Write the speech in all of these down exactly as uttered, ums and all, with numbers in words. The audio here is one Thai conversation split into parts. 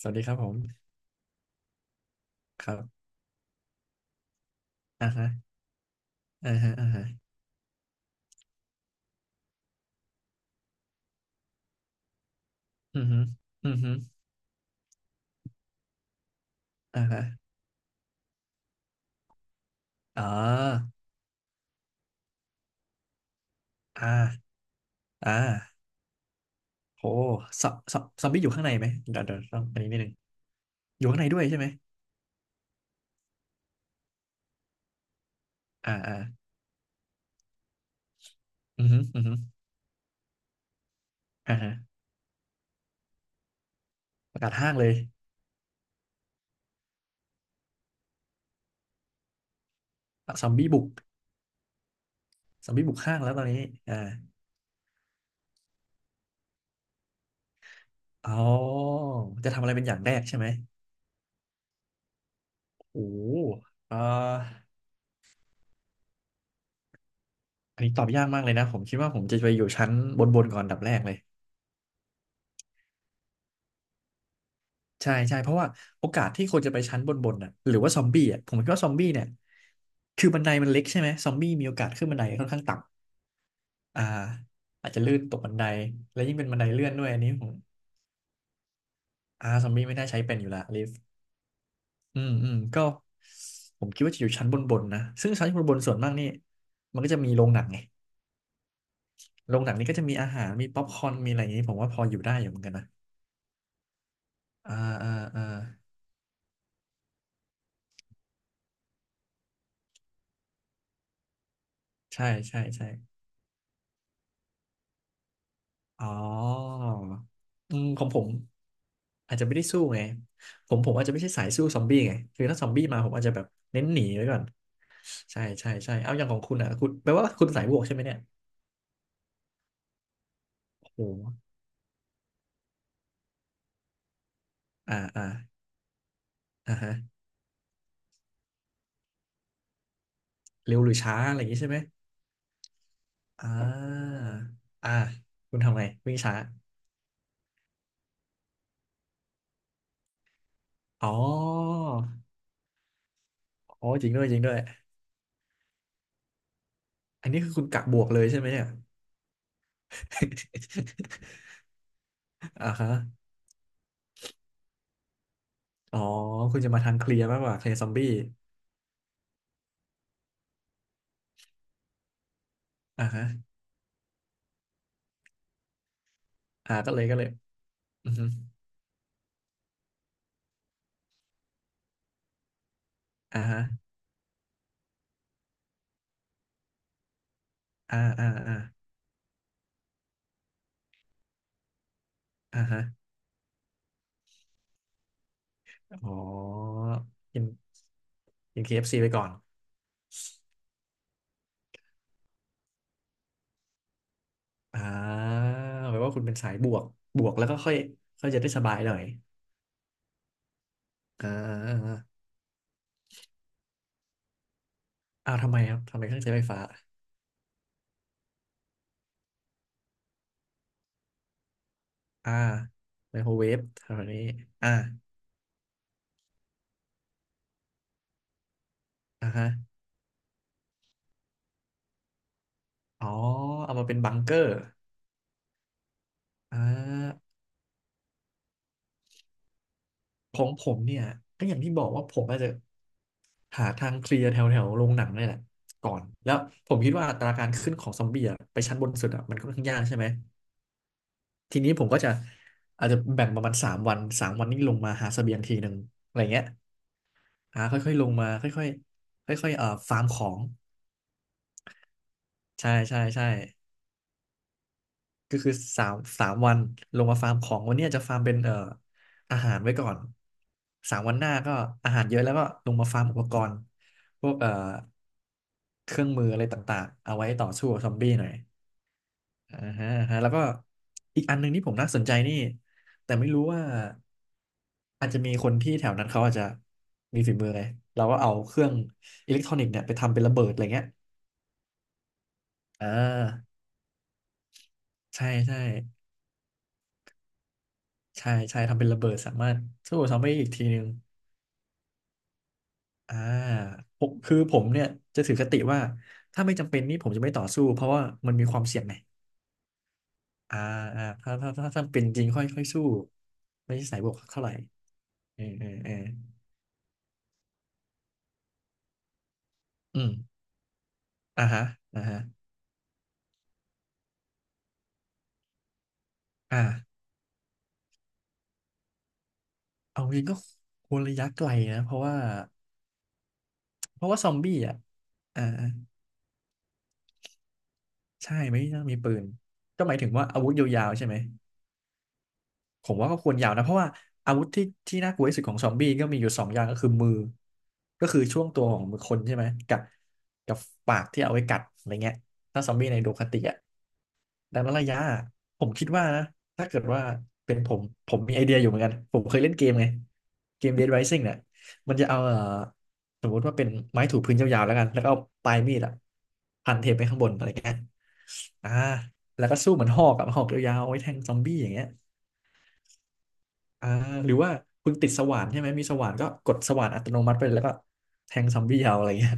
สวัสดีครับผมครับอ่าฮะอ่าฮะอ่าฮะอือฮึอือฮึอ่าฮะอ๋ออ่าอ่าโหซอซอซอมบี้อยู่ข้างในไหมเดี๋ยวเดี๋ยวต้องอันนี้นิดนึงอยู่ข้างในด้วยใช่ไหมอ่าอ่าอือฮึอือฮึอ่าฮะประกาศห้างเลยอ่ะซอมบี้บุกซอมบี้บุกห้างแล้วตอนนี้อ่าอ๋อจะทำอะไรเป็นอย่างแรกใช่ไหมโอ้โหอ่าอันนี้ตอบยากมากเลยนะผมคิดว่าผมจะไปอยู่ชั้นบนบนก่อนอันดับแรกเลย ใช่ใช่เพราะว่าโอกาสที่คนจะไปชั้นบนบนน่ะหรือว่าซอมบี้อ่ะผมคิดว่าซอมบี้เนี่ยคือบันไดมันเล็กใช่ไหมซอมบี้มีโอกาสขึ้นบันไดค่อนข้างต่ำอ่าอาจจะลื่นตกบันไดแล้วยิ่งเป็นบันไดเลื่อนด้วยอันนี้ผมอ่าซอมบี้ไม่น่าใช้เป็นอยู่ละลิฟต์อืมอืมก็ผมคิดว่าจะอยู่ชั้นบนบนนะซึ่งชั้นบนบนส่วนมากนี่มันก็จะมีโรงหนังไงโรงหนังนี่ก็จะมีอาหารมีป๊อปคอร์นมีอะไรอย่างนี้ผมว่าพออยู่ได้อยู่เหมือนกันนะอ่าอ่าอ่าใช่ใช่ใช่อ๋ออืมของผม อาจจะไม่ได้สู้ไงผมผมอาจจะไม่ใช่สายสู้ซอมบี้ไงคือถ้าซอมบี้มาผมอาจจะแบบเน้นหนีไว้ก่อนใช่ใช่ใช่เอาอย่างของคุณอ่ะคุณแปลว่าคุณสายบวกใช่ไหมเนี่ยโอ้โหอ่าอ่าอ่าฮะเร็วหรือช้าอะไรอย่างงี้ใช่ไหมอ่าอ่าคุณทำไงวิ่งช้าอ๋ออ๋อจริงด้วยจริงด้วยอันนี้คือคุณกะบวกเลยใช่ไหมเนี่ย อ่าฮะอ๋อคุณจะมาทางเคลียร์มากกว่าเคลียร์ซอมบี้อ่าฮะอ่าก็เลยก็เลยอือฮึอ่าฮะอ่าอ่าอ่าอ่าฮะ อ๋อกินกิน เค เอฟ ซี ไปก่อนอ่าแปลว่าคุณเป็นสายบวก บวกแล้วก็ค่อยค่อยจะได้สบายหน่อยอ่าอาอ่าอ้าวทำไมครับทำไมเครื่องใช้ไฟฟ้าอ่าไมโครเวฟแถวนี้อ่าอ่าฮะอ๋อเอามาเป็นบังเกอร์อ่าของผมเนี่ย ก็อย่างที่บอกว่าผมอาจจะหาทางเคลียร์แถวแถวโรงหนังนี่แหละก่อน แล้วผมคิดว่าอัตราการขึ้นของซอมบี้อะไปชั้นบนสุดอะมันค่อนข้างยากใช่ไหม ทีนี้ผมก็จะอาจจะแบ่งประมาณสามวันสามวันนี้ลงมาหาเสบียงทีหนึ่งอะไรเงี้ยอ่าค่อยๆลงมาค่อยๆค่อยๆเอ่อฟาร์มของใช่ใช่ใช่ก็คือสามสามวันลงมาฟาร์มของวันนี้อาจจะฟาร์มเป็นเอ่ออาหารไว้ก่อนสามวันหน้าก็อาหารเยอะแล้วก็ลงมาฟาร์มอุปกรณ์พวกเอ่อเครื่องมืออะไรต่างๆเอาไว้ต่อสู้กับซอมบี้หน่อย อ่าฮะอ่าฮะแล้วก็อีกอันหนึ่งที่ผมน่าสนใจนี่แต่ไม่รู้ว่าอาจจะมีคนที่แถวนั้นเขาอาจจะมีฝีมือไงเราก็เอาเครื่องอิเล็กทรอนิกส์เนี่ยไปทำเป็นระเบิดอะไรเงี้ยอ่าใช่ใช่ใช่ใช่ทำเป็นระเบิดสามารถสู้ซอมบี้อีกทีนึงอ่าผมคือผมเนี่ยจะถือคติว่าถ้าไม่จำเป็นนี่ผมจะไม่ต่อสู้เพราะว่ามันมีความเสี่ยงไงอ่าอ่าถ้าถ้าถ้าถ้าเป็นจริงค่อยค่อยสู้ไม่ใช่สายบวกเท่าไหร่เออเออเอออืม อ่าฮะอ่าฮะอ่าเอาจริงก็คนระยะไกลนะเพราะว่าเพราะว่าซอมบี้อ่ะอ่าใช่ไม่น่ามีปืนก็หมายถึงว่าอาวุธยาวๆใช่ไหม ผมว่าก็ควรยาวนะเพราะว่าอาวุธที่ที่น่ากลัวที่สุดของซอมบี้ก็มีอยู่สองอย่างก็คือมือก็คือช่วงตัวของมือคนใช่ไหมกับกับปากที่เอาไว้กัดอะไรเงี้ยถ้าซอมบี้ในโดคาติอ่ะดังนั้นระยะผมคิดว่านะถ้าเกิดว่าเป็นผมผมมีไอเดียอยู่เหมือนกันผมเคยเล่นเกมไงเกม เดดไรซิ่ง เนี่ยมันจะเอาเอ่อสมมติว่าเป็นไม้ถูพื้นยาวๆแล้วกันแล้วก็เอาปลายมีดอะพันเทปไปข้างบนอะไรเงี้ยอ่าแล้วก็สู้เหมือนหอกอะหอกยาวๆเอาไว้แทงซอมบี้อย่างเงี้ย อ่าหรือว่าคุณติดสว่านใช่ไหมมีสว่านก็กดสว่านอัตโนมัติไปแล้วก็แทงซอมบี้เอาอะไรเงี้ย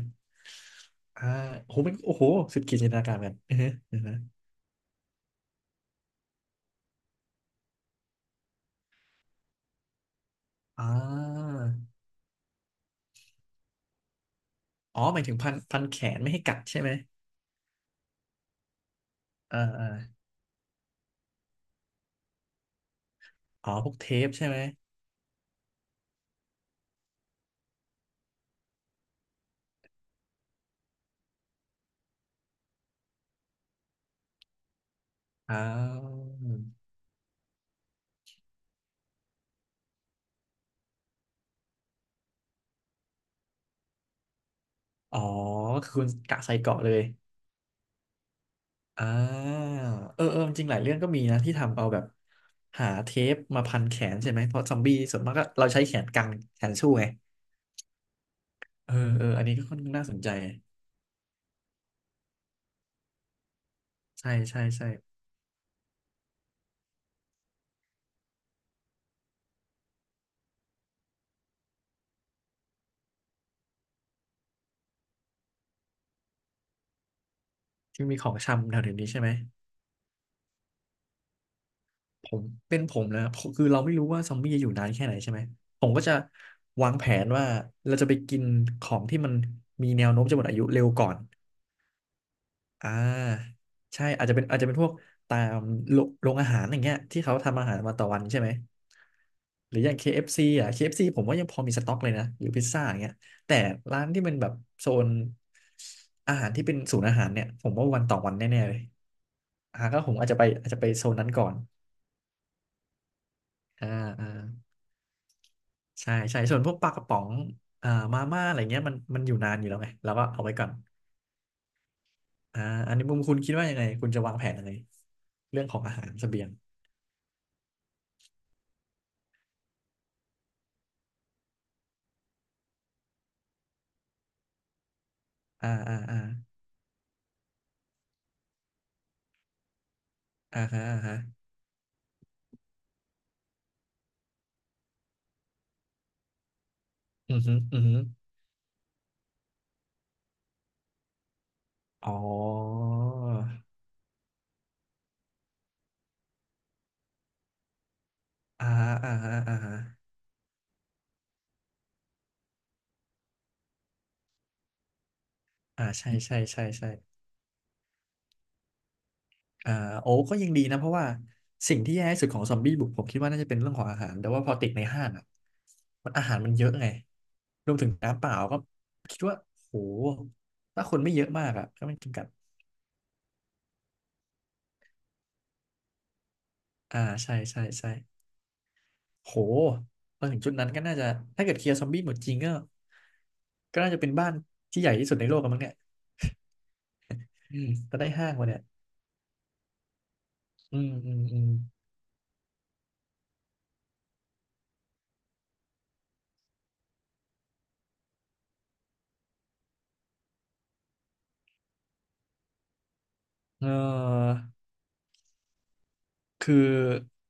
อ่าโอโหมันโอ้โหสุดขีดจินตนาการกันอือฮะอือฮอ่าอ๋อหมายถึงพันพันแขนไม่ให้กัดใช่ไหมอ่าอ่าอ๋อพวกเทปใช่ไหมอ่าอ๋อคือคุณกะใส่เกาะเลยอ่าเออเออจริงๆหลายเรื่องก็มีนะที่ทำเอาแบบหาเทปมาพันแขนใช่ไหมเพราะซอมบี้ส่วนมากก็เราใช้แขนกันแขนสู้ไงเออเอออันนี้ก็ค่อนข้างน่าสนใจ ใช่ใช่ใช่ที่มีของชำแถวๆนี้ใช่ไหมผมเป็นผมนะผมคือเราไม่รู้ว่าซอมบี้จะอยู่นานแค่ไหนใช่ไหมผมก็จะวางแผนว่าเราจะไปกินของที่มันมีแนวโน้มจะหมดอายุเร็วก่อนอ่าใช่อาจจะเป็นอาจจะเป็นพวกตามโรโรงอาหารอย่างเงี้ยที่เขาทำอาหารมาต่อวันใช่ไหมหรืออย่าง เค เอฟ ซี อฟซีอ่ะ เค เอฟ ซี ผมว่ายังพอมีสต็อกเลยนะหรือพิซซ่าอย่างเงี้ยแต่ร้านที่มันแบบโซนอาหารที่เป็นศูนย์อาหารเนี่ยผมว่าวันต่อวันแน่ๆเลย อ่าก็ผมอาจจะไปอาจจะไปโซนนั้นก่อนอ่าอ่าใช่ใช่ส่วนพวกปลากระป๋องอ่ามาม่าอะไรเงี้ยมันมันอยู่นานอยู่แล้วไงเราก็เอาไว้ก่อนอ่าอันนี้มุมคุณคิดว่ายังไงคุณจะวางแผนยังไงเรื่องของอาหารเสบียงอ่าอ่าอ่าอ่าฮะอ่าฮะอือฮึอือฮึอ๋ออ่าอ่าฮะอ่าฮะอ่าใช่ใช่ใช่ใช่ อ่าโอ้ก็ยังดีนะเพราะว่าสิ่งที่แย่ที่สุดของซอมบี้บุกผมคิดว่าน่าจะเป็นเรื่องของอาหารแต่ว่าพอติดในห้างอ่ะมันอาหารมันเยอะไงรวมถึงน้ำเปล่าก็คิดว่าโหถ้าคนไม่เยอะมากอ่ะก็ไม่จำกัดอ่าใช่ใช่ใช่โหพอถึงจุดนั้นก็น่าจะถ้าเกิดเคลียร์ซอมบี้หมดจริงก็ก็น่าจะเป็นบ้านที่ใหญ่ที่สุดในโลกกันมั้งเนี่ยอืมก็ได้ห้างมาเนี่ยอืมอืมอืมเออ คือ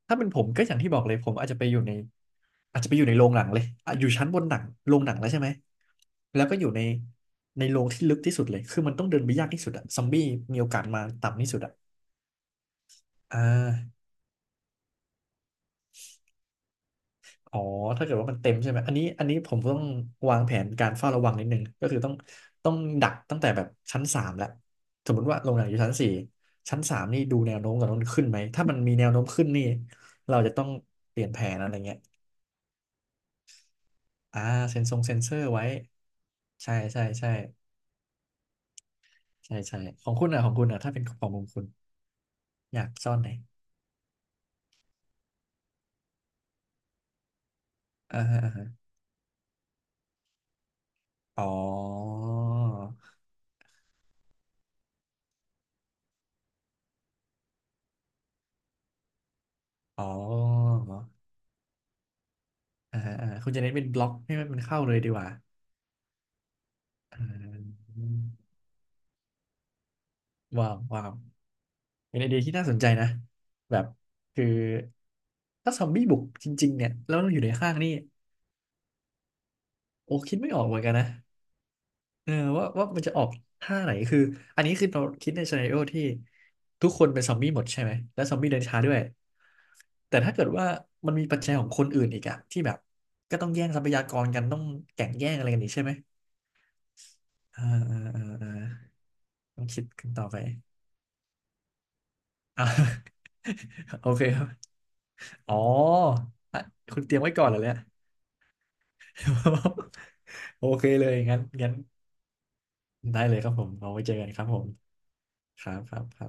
ถ้าเป็นผมก็อย่างที่บอกเลยผมอาจจะไปอยู่ในอาจจะไปอยู่ในโรงหนังเลยอ่ะอยู่ชั้นบนหนังโรงหนังแล้วใช่ไหมแล้วก็อยู่ในในโรงที่ลึกที่สุดเลยคือมันต้องเดินไปยากที่สุดอะซอมบี้มีโอกาสมาต่ำที่สุดอะอ่าอ๋อถ้าเกิดว่ามันเต็มใช่ไหมอันนี้อันนี้ผมต้องวางแผนการเฝ้าระวังนิดนึงก็คือต้องต้องดักตั้งแต่แบบชั้นสามแล้วสมมติว่าโรงหนังอยู่ชั้นสี่ชั้นสามนี่ดูแนวโน้มก่อนว่ามันขึ้นไหมถ้ามันมีแนวโน้มขึ้นนี่เราจะต้องเปลี่ยนแผนอะไรเงี้ย อ่าเซ็นทรงเซ็นเซอร์ไว้ใช่ใช่ใช่ใช่ใช่ของคุณอ่ะของคุณอ่ะถ้าเป็นของของคุณอยากซ่อนไหนอ่าฮะอ่าฮะอ๋ออ๋ออ่าฮะอ่าคุณจะเน้นเป็นบล็อกให้มันเข้าเลยดีกว่าอ่าว้าวว้าวเป็นไอเดียที่น่าสนใจนะแบบคือถ้าซอมบี้บุกจริงๆเนี่ยแล้วเราอยู่ในห้างนี่โอ้คิดไม่ออกเหมือนกันนะ เออว่าว่ามันจะออกท่าไหนคืออันนี้คือเราคิดในซีนาริโอที่ทุกคนเป็นซอมบี้หมดใช่ไหมและซอมบี้เดินช้าด้วยแต่ถ้าเกิดว่ามันมีปัจจัยของคนอื่นอีกอะที่แบบก็ต้องแย่งทรัพยากรกันต้องแข่งแย่งอะไรกันอีกใช่ไหมอ่าอ่าอ่าอ่าต้องคิดกันต่อไปอ่า โอเคครับอ๋ออ่ะคุณเตรียมไว้ก่อนเหรอเนี่ย โอเคเลยงั้นงั้นได้เลยครับผมเอาไว้เจอกันครับผมครับครับครับ